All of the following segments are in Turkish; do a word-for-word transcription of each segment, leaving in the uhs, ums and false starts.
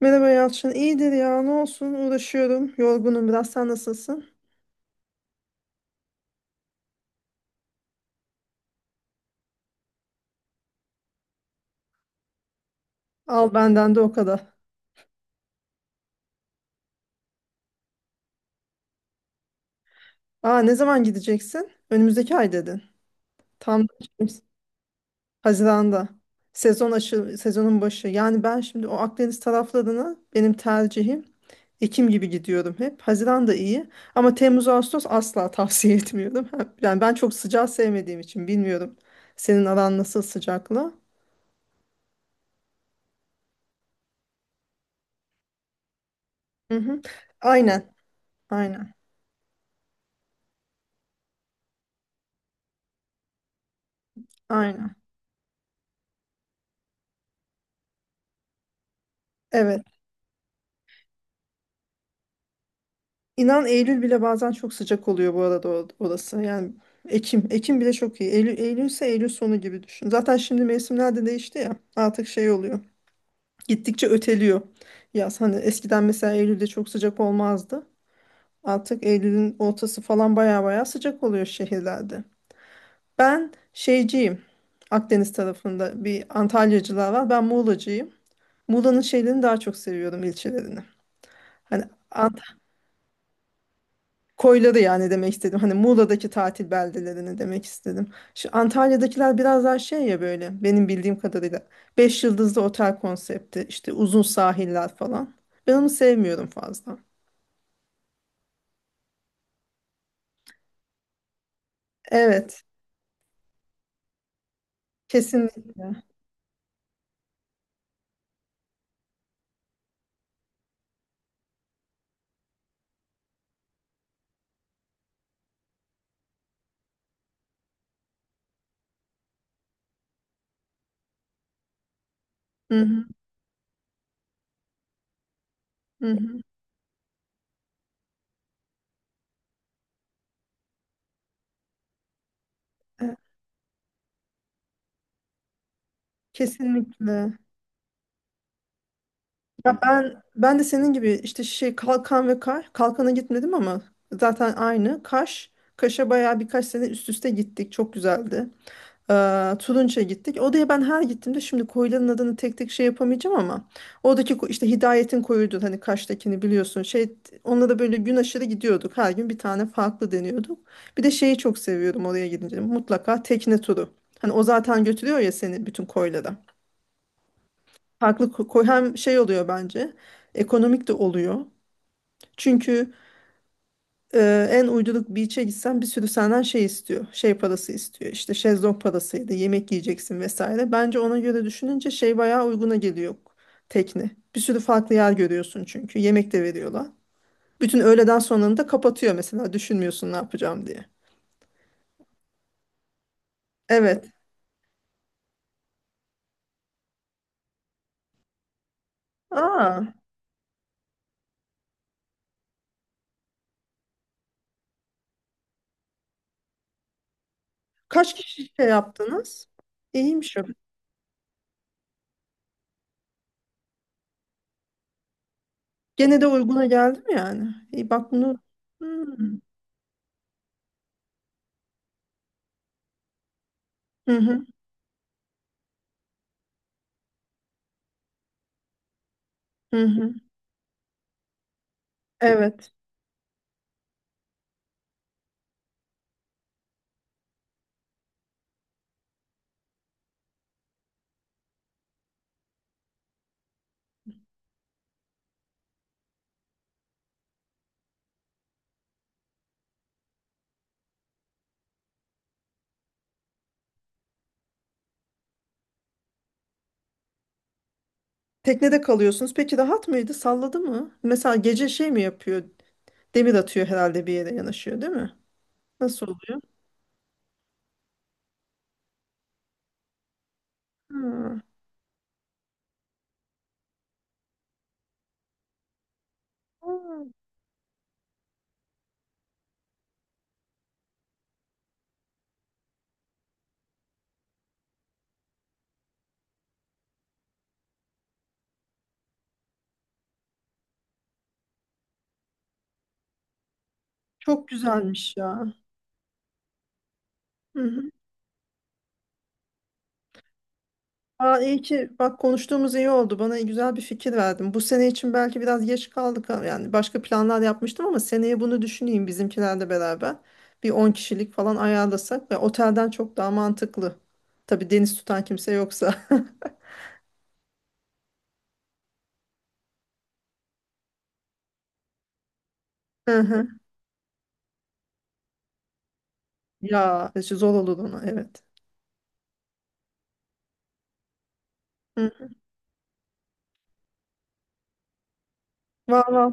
Merhaba Yalçın. İyidir ya. Ne olsun? Uğraşıyorum. Yorgunum biraz. Sen nasılsın? Al benden de o kadar. Aa, ne zaman gideceksin? Önümüzdeki ay dedin. Tam da- Haziran'da. Sezon aşı, sezonun başı. Yani ben şimdi o Akdeniz taraflarına benim tercihim Ekim gibi gidiyorum hep. Haziran da iyi. Ama Temmuz, Ağustos asla tavsiye etmiyorum. Yani ben çok sıcağı sevmediğim için bilmiyorum. Senin aran nasıl sıcakla? Hı hı. Aynen. Aynen. Aynen. Evet. İnan Eylül bile bazen çok sıcak oluyor bu arada or- orası. Yani Ekim. Ekim bile çok iyi. Eylül, Eylül ise Eylül sonu gibi düşün. Zaten şimdi mevsimler de değişti ya. Artık şey oluyor. Gittikçe öteliyor. Yaz hani eskiden mesela Eylül'de çok sıcak olmazdı. Artık Eylül'ün ortası falan baya baya sıcak oluyor şehirlerde. Ben şeyciyim. Akdeniz tarafında bir Antalyacılar var. Ben Muğlacıyım. Muğla'nın şeylerini daha çok seviyorum ilçelerini. Hani koyları yani demek istedim. Hani Muğla'daki tatil beldelerini demek istedim. Şu Antalya'dakiler biraz daha şey ya böyle benim bildiğim kadarıyla. Beş yıldızlı otel konsepti, işte uzun sahiller falan. Ben onu sevmiyorum fazla. Evet, kesinlikle. Hı hı, hı hı. Evet, kesinlikle. Ya ben ben de senin gibi işte şey Kalkan ve Kaş. Kalkan'a gitmedim ama zaten aynı. Kaş. Kaş'a bayağı birkaç sene üst üste gittik. Çok güzeldi. Eee, Turunç'a gittik. Odaya ben her gittiğimde şimdi koyların adını tek tek şey yapamayacağım ama oradaki ko- işte Hidayet'in koyuydu, hani Kaş'takini biliyorsun. Şey, onunla da böyle gün aşırı gidiyorduk. Her gün bir tane farklı deniyorduk. Bir de şeyi çok seviyorum, oraya gidince mutlaka tekne turu. Hani o zaten götürüyor ya seni bütün koylara. Farklı ko- koy hem şey oluyor bence, ekonomik de oluyor. Çünkü Ee, en uyduruk beach'e gitsen bir sürü senden şey istiyor. Şey parası istiyor. İşte şezlong parasıydı. Yemek yiyeceksin vesaire. Bence ona göre düşününce şey bayağı uyguna geliyor tekne. Bir sürü farklı yer görüyorsun çünkü. Yemek de veriyorlar. Bütün öğleden sonranı da kapatıyor mesela. Düşünmüyorsun ne yapacağım diye. Evet. Aa, kaç kişi şey yaptınız? İyiymiş o. Gene de uyguna geldim yani. İyi bak bunu. Hmm. Hı hı. Hı hı. Evet. Teknede kalıyorsunuz. Peki rahat mıydı? Salladı mı? Mesela gece şey mi yapıyor? Demir atıyor herhalde, bir yere yanaşıyor, değil mi? Nasıl oluyor? Hmm. Hmm. Çok güzelmiş ya. Hı hı. Aa, iyi ki bak konuştuğumuz, iyi oldu. Bana güzel bir fikir verdin. Bu sene için belki biraz geç kaldık ama yani başka planlar yapmıştım, ama seneye bunu düşüneyim bizimkilerle beraber. Bir on kişilik falan ayarlasak ve otelden çok daha mantıklı. Tabii deniz tutan kimse yoksa. Hı hı. Ya işte zor olur ona, evet. Hı. Var var.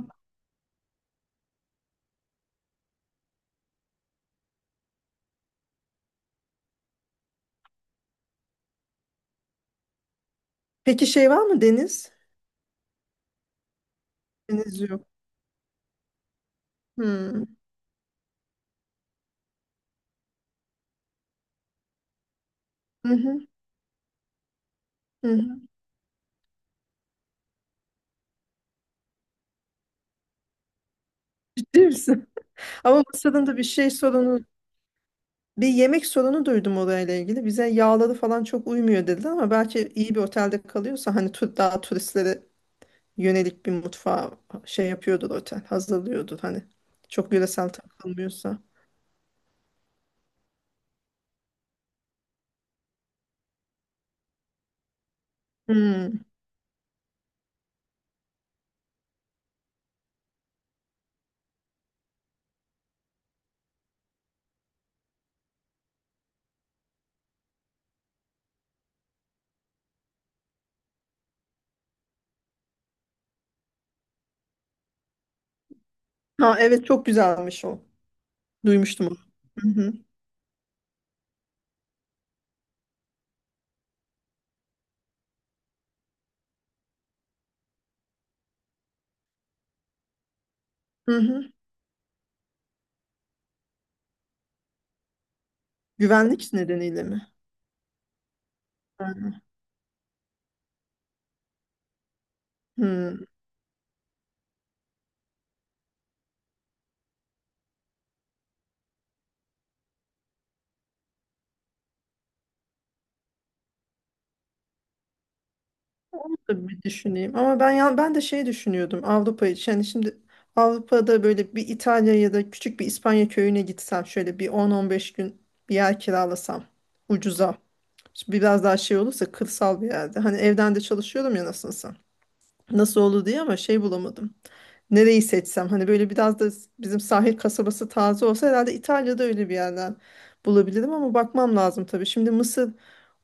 Peki şey var mı, deniz? Deniz yok. Hmm. Hı hı, hı hı. Ciddi misin? Ama Bursa'nın da bir şey sorunu, bir yemek sorunu duydum orayla ilgili. Bize yağları falan çok uymuyor dediler, ama belki iyi bir otelde kalıyorsa hani tur, daha turistlere yönelik bir mutfağı şey yapıyordur otel, hazırlıyordur hani. Çok yöresel takılmıyorsa. Hmm. Ha evet, çok güzelmiş o. Duymuştum onu. Hı hı. Hı hı. Güvenlik nedeniyle mi? Hı hı. Onu da bir düşüneyim. Ama ben ya ben de şey düşünüyordum Avrupa için. Yani şimdi Avrupa'da böyle bir İtalya ya da küçük bir İspanya köyüne gitsem şöyle bir on on beş gün bir yer kiralasam ucuza. Şimdi biraz daha şey olursa kırsal bir yerde. Hani evden de çalışıyorum ya nasılsa. Nasıl olur diye, ama şey bulamadım. Nereyi seçsem hani böyle biraz da bizim sahil kasabası taze olsa, herhalde İtalya'da öyle bir yerden bulabilirim ama bakmam lazım tabii. Şimdi Mısır,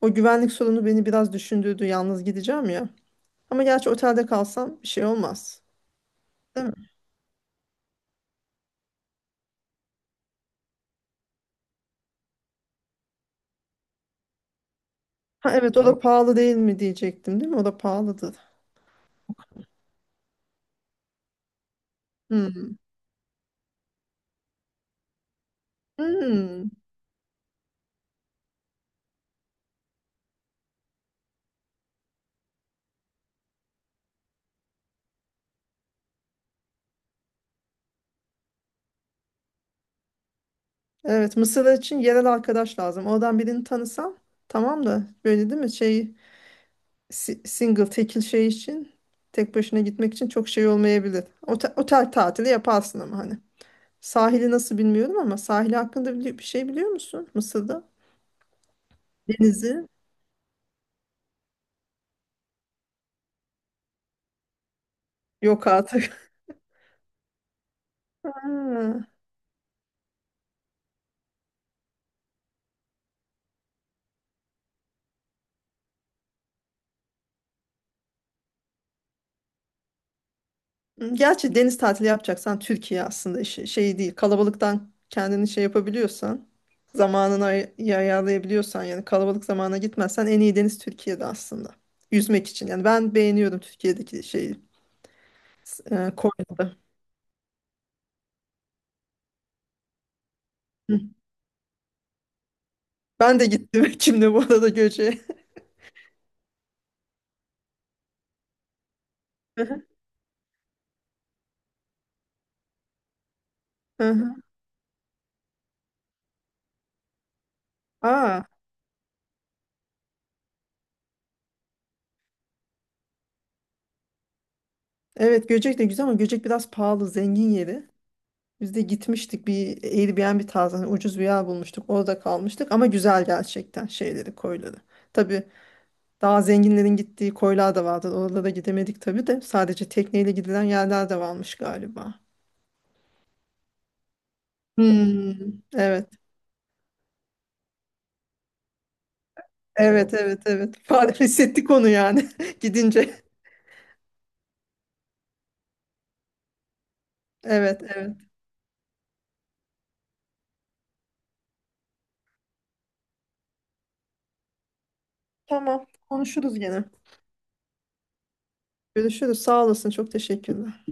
o güvenlik sorunu beni biraz düşündürdü. Yalnız gideceğim ya. Ama gerçi otelde kalsam bir şey olmaz. Değil mi? Ha, evet o da pahalı değil mi diyecektim, değil mi? O da pahalıdır. Hmm. Hmm. Evet, Mısır için yerel arkadaş lazım. Oradan birini tanısam tamam, da böyle değil mi? Şey si- single, tekil şey için tek başına gitmek için çok şey olmayabilir. Otel, otel tatili yaparsın ama hani. Sahili nasıl bilmiyorum ama sahili hakkında bili- bir şey biliyor musun Mısır'da? Denizi yok artık. Ha. Gerçi deniz tatili yapacaksan Türkiye aslında işi- şey değil. Kalabalıktan kendini şey yapabiliyorsan, zamanını ay- iyi ayarlayabiliyorsan, yani kalabalık zamana gitmezsen en iyi deniz Türkiye'de aslında. Yüzmek için. Yani ben beğeniyorum Türkiye'deki şeyi. S- E, Konya'da. Hı. Ben de gittim kimle bu arada Göcek'e. Hı hı. Hı hı. Aa, evet Göcek de güzel ama Göcek biraz pahalı, zengin yeri. Biz de gitmiştik bir Airbnb tarzı, hani ucuz bir yer bulmuştuk. Orada kalmıştık ama güzel gerçekten şeyleri, koyları. Tabii daha zenginlerin gittiği koylar da vardı. Oralara gidemedik tabii de. Sadece tekneyle gidilen yerler de varmış galiba. Hmm. Evet. Evet, evet, evet. Fark hissettik onu yani gidince. Evet, evet. Tamam. Konuşuruz gene. Görüşürüz. Sağ olasın. Çok teşekkürler.